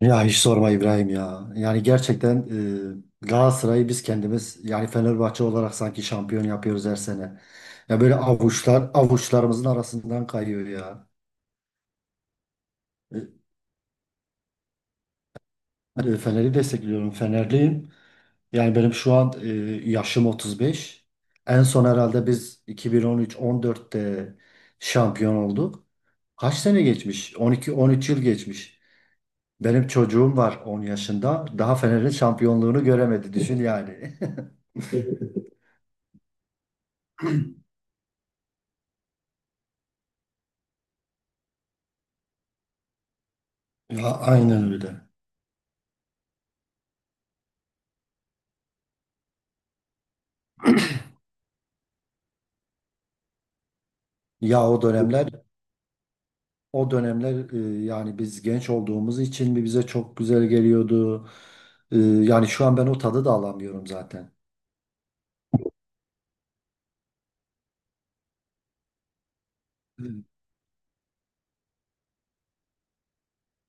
Ya hiç sorma İbrahim ya. Yani gerçekten Galatasaray'ı biz kendimiz yani Fenerbahçe olarak sanki şampiyon yapıyoruz her sene. Ya böyle avuçlarımızın arasından kayıyor ya. E, Fener'i destekliyorum. Fenerliyim. Yani benim şu an yaşım 35. En son herhalde biz 2013-14'te şampiyon olduk. Kaç sene geçmiş? 12-13 yıl geçmiş. Benim çocuğum var 10 yaşında. Daha Fener'in şampiyonluğunu göremedi. Düşün yani. Ya, aynen öyle. Ya o dönemler yani biz genç olduğumuz için mi bize çok güzel geliyordu. Yani şu an ben o tadı da alamıyorum zaten. Hmm.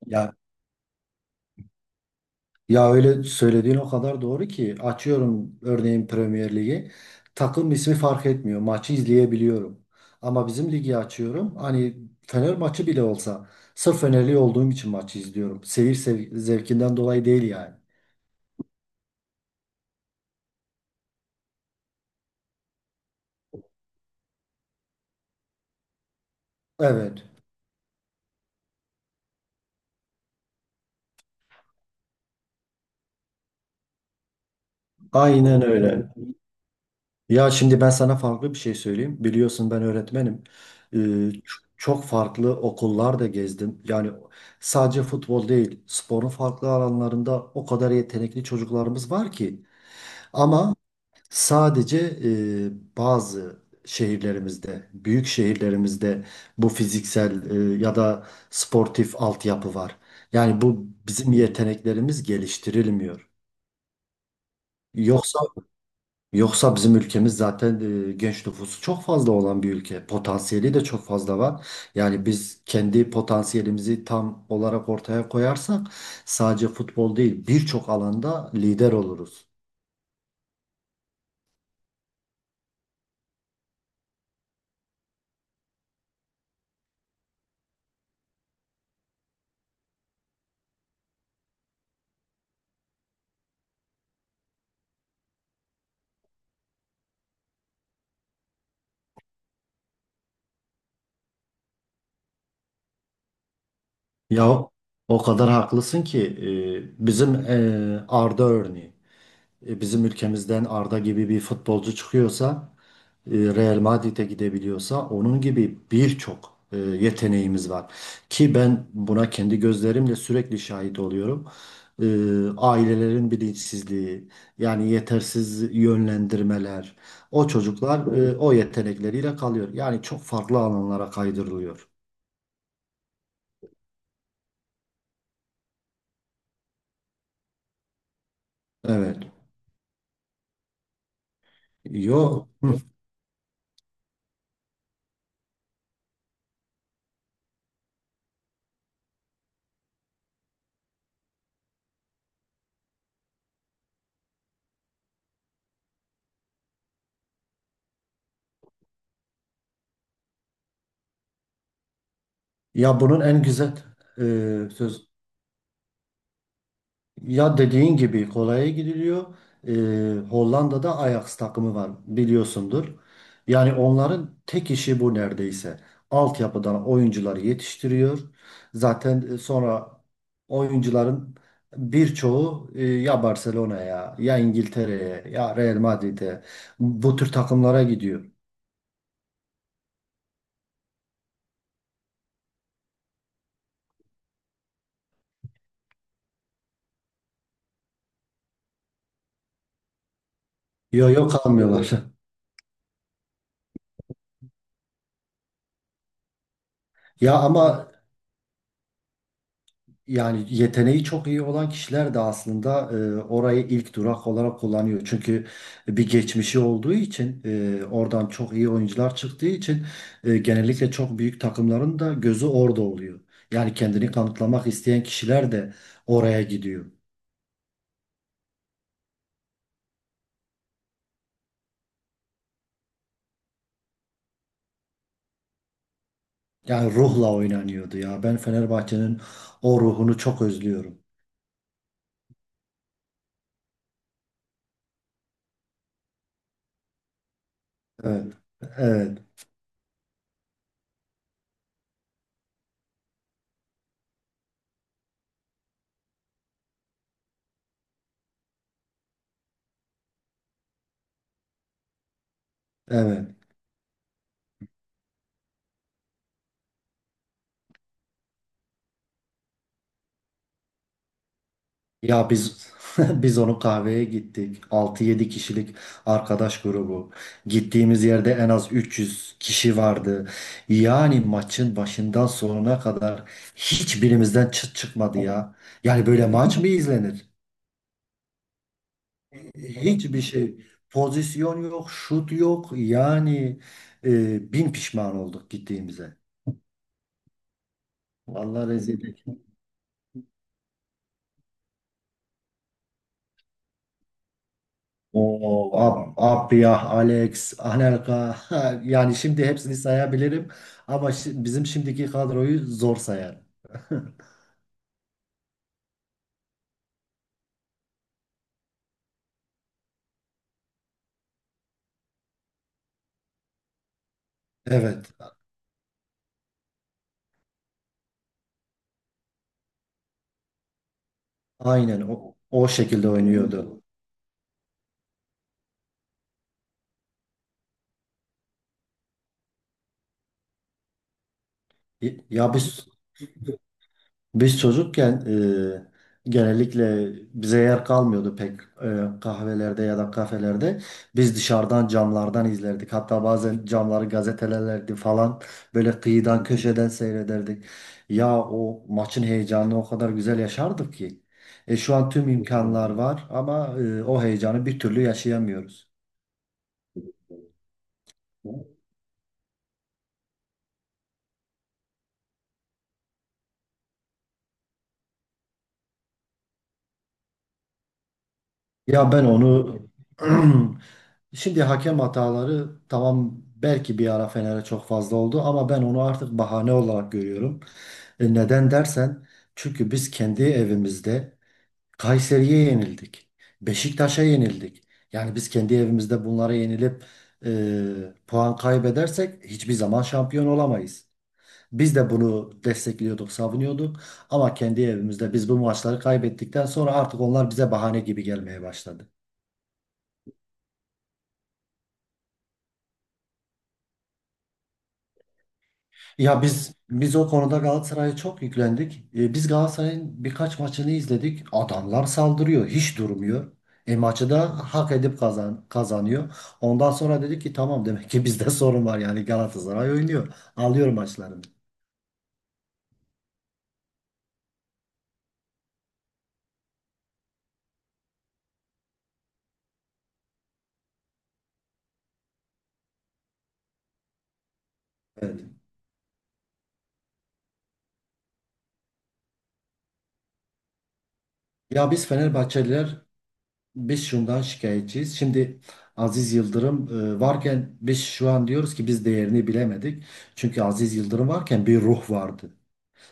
Ya ya öyle söylediğin o kadar doğru ki açıyorum örneğin Premier Ligi. Takım ismi fark etmiyor. Maçı izleyebiliyorum. Ama bizim ligi açıyorum. Hani Fener maçı bile olsa sırf Fenerli olduğum için maçı izliyorum. Seyir zevkinden dolayı değil yani. Evet. Aynen öyle. Ya şimdi ben sana farklı bir şey söyleyeyim. Biliyorsun ben öğretmenim. Çok farklı okullar da gezdim. Yani sadece futbol değil, sporun farklı alanlarında o kadar yetenekli çocuklarımız var ki. Ama sadece bazı şehirlerimizde, büyük şehirlerimizde bu fiziksel ya da sportif altyapı var. Yani bu bizim yeteneklerimiz geliştirilmiyor. Yoksa Yoksa bizim ülkemiz zaten genç nüfusu çok fazla olan bir ülke. Potansiyeli de çok fazla var. Yani biz kendi potansiyelimizi tam olarak ortaya koyarsak sadece futbol değil birçok alanda lider oluruz. Ya o kadar haklısın ki bizim Arda örneği. Bizim ülkemizden Arda gibi bir futbolcu çıkıyorsa, Real Madrid'e gidebiliyorsa onun gibi birçok yeteneğimiz var. Ki ben buna kendi gözlerimle sürekli şahit oluyorum. E, Ailelerin bilinçsizliği, yani yetersiz yönlendirmeler, o çocuklar o yetenekleriyle kalıyor. Yani çok farklı alanlara kaydırılıyor. Evet. Yo. Hı. Ya bunun en güzel e, söz Ya dediğin gibi kolaya gidiliyor. Hollanda'da Ajax takımı var biliyorsundur. Yani onların tek işi bu neredeyse. Altyapıdan oyuncuları yetiştiriyor. Zaten sonra oyuncuların birçoğu ya Barcelona'ya ya İngiltere'ye ya Real Madrid'e bu tür takımlara gidiyor. Yok yok kalmıyorlar. Ya ama Yani yeteneği çok iyi olan kişiler de aslında orayı ilk durak olarak kullanıyor. Çünkü bir geçmişi olduğu için oradan çok iyi oyuncular çıktığı için genellikle çok büyük takımların da gözü orada oluyor. Yani kendini kanıtlamak isteyen kişiler de oraya gidiyor. Yani ruhla oynanıyordu ya. Ben Fenerbahçe'nin o ruhunu çok özlüyorum. Evet. Evet. Evet. Ya biz biz onu kahveye gittik. 6-7 kişilik arkadaş grubu. Gittiğimiz yerde en az 300 kişi vardı. Yani maçın başından sonuna kadar hiçbirimizden çıt çıkmadı ya. Yani böyle maç mı izlenir? Hiçbir şey. Pozisyon yok, şut yok. Yani bin pişman olduk gittiğimize. Vallahi rezil. O Abdiyah, Alex, Anelka yani şimdi hepsini sayabilirim ama bizim şimdiki kadroyu zor sayarım. Evet, aynen o şekilde oynuyordu. Y- Ya biz Biz çocukken genellikle bize yer kalmıyordu pek kahvelerde ya da kafelerde. Biz dışarıdan camlardan izlerdik. Hatta bazen camları gazetelerdi falan böyle kıyıdan köşeden seyrederdik. Ya o maçın heyecanını o kadar güzel yaşardık ki. Şu an tüm imkanlar var ama o heyecanı bir türlü yaşayamıyoruz. Ya ben onu. Şimdi hakem hataları tamam belki bir ara Fener'e çok fazla oldu ama ben onu artık bahane olarak görüyorum. Neden dersen çünkü biz kendi evimizde Kayseri'ye yenildik. Beşiktaş'a yenildik. Yani biz kendi evimizde bunlara yenilip puan kaybedersek hiçbir zaman şampiyon olamayız. Biz de bunu destekliyorduk, savunuyorduk ama kendi evimizde biz bu maçları kaybettikten sonra artık onlar bize bahane gibi gelmeye başladı. Ya biz o konuda Galatasaray'a çok yüklendik. Biz Galatasaray'ın birkaç maçını izledik. Adamlar saldırıyor, hiç durmuyor. Maçı da hak edip kazanıyor. Ondan sonra dedik ki tamam, demek ki bizde sorun var yani. Galatasaray oynuyor. Alıyor maçlarını. Evet. Ya biz Fenerbahçeliler biz şundan şikayetçiyiz. Şimdi Aziz Yıldırım varken biz şu an diyoruz ki biz değerini bilemedik. Çünkü Aziz Yıldırım varken bir ruh vardı.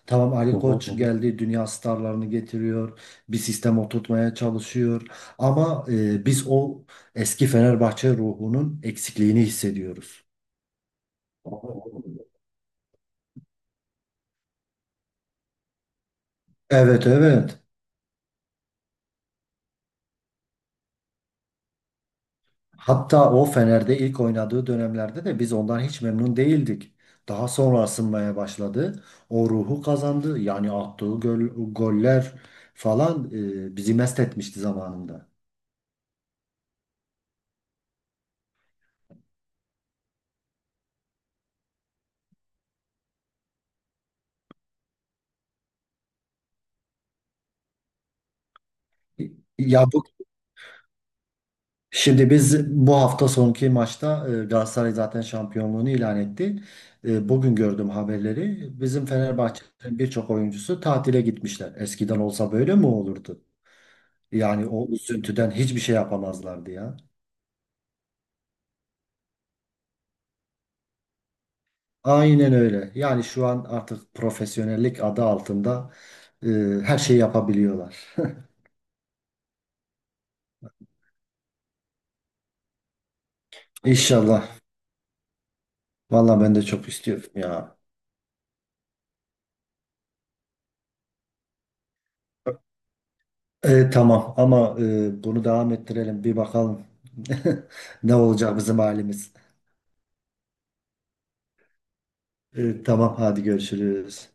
Tamam, Ali Koç geldi, dünya starlarını getiriyor, bir sistem oturtmaya çalışıyor. Ama biz o eski Fenerbahçe ruhunun eksikliğini hissediyoruz. Evet, evet. Hatta o Fener'de ilk oynadığı dönemlerde de biz ondan hiç memnun değildik. Daha sonra ısınmaya başladı. O ruhu kazandı. Yani attığı goller falan bizi mest etmişti zamanında. Ya bu Şimdi biz bu hafta sonki maçta Galatasaray zaten şampiyonluğunu ilan etti. Bugün gördüm haberleri. Bizim Fenerbahçe'nin birçok oyuncusu tatile gitmişler. Eskiden olsa böyle mi olurdu? Yani o üzüntüden hiçbir şey yapamazlardı ya. Aynen öyle. Yani şu an artık profesyonellik adı altında e, her şeyi yapabiliyorlar. İnşallah. Vallahi ben de çok istiyorum ya. Tamam ama bunu devam ettirelim. Bir bakalım ne olacak bizim halimiz. Tamam hadi görüşürüz.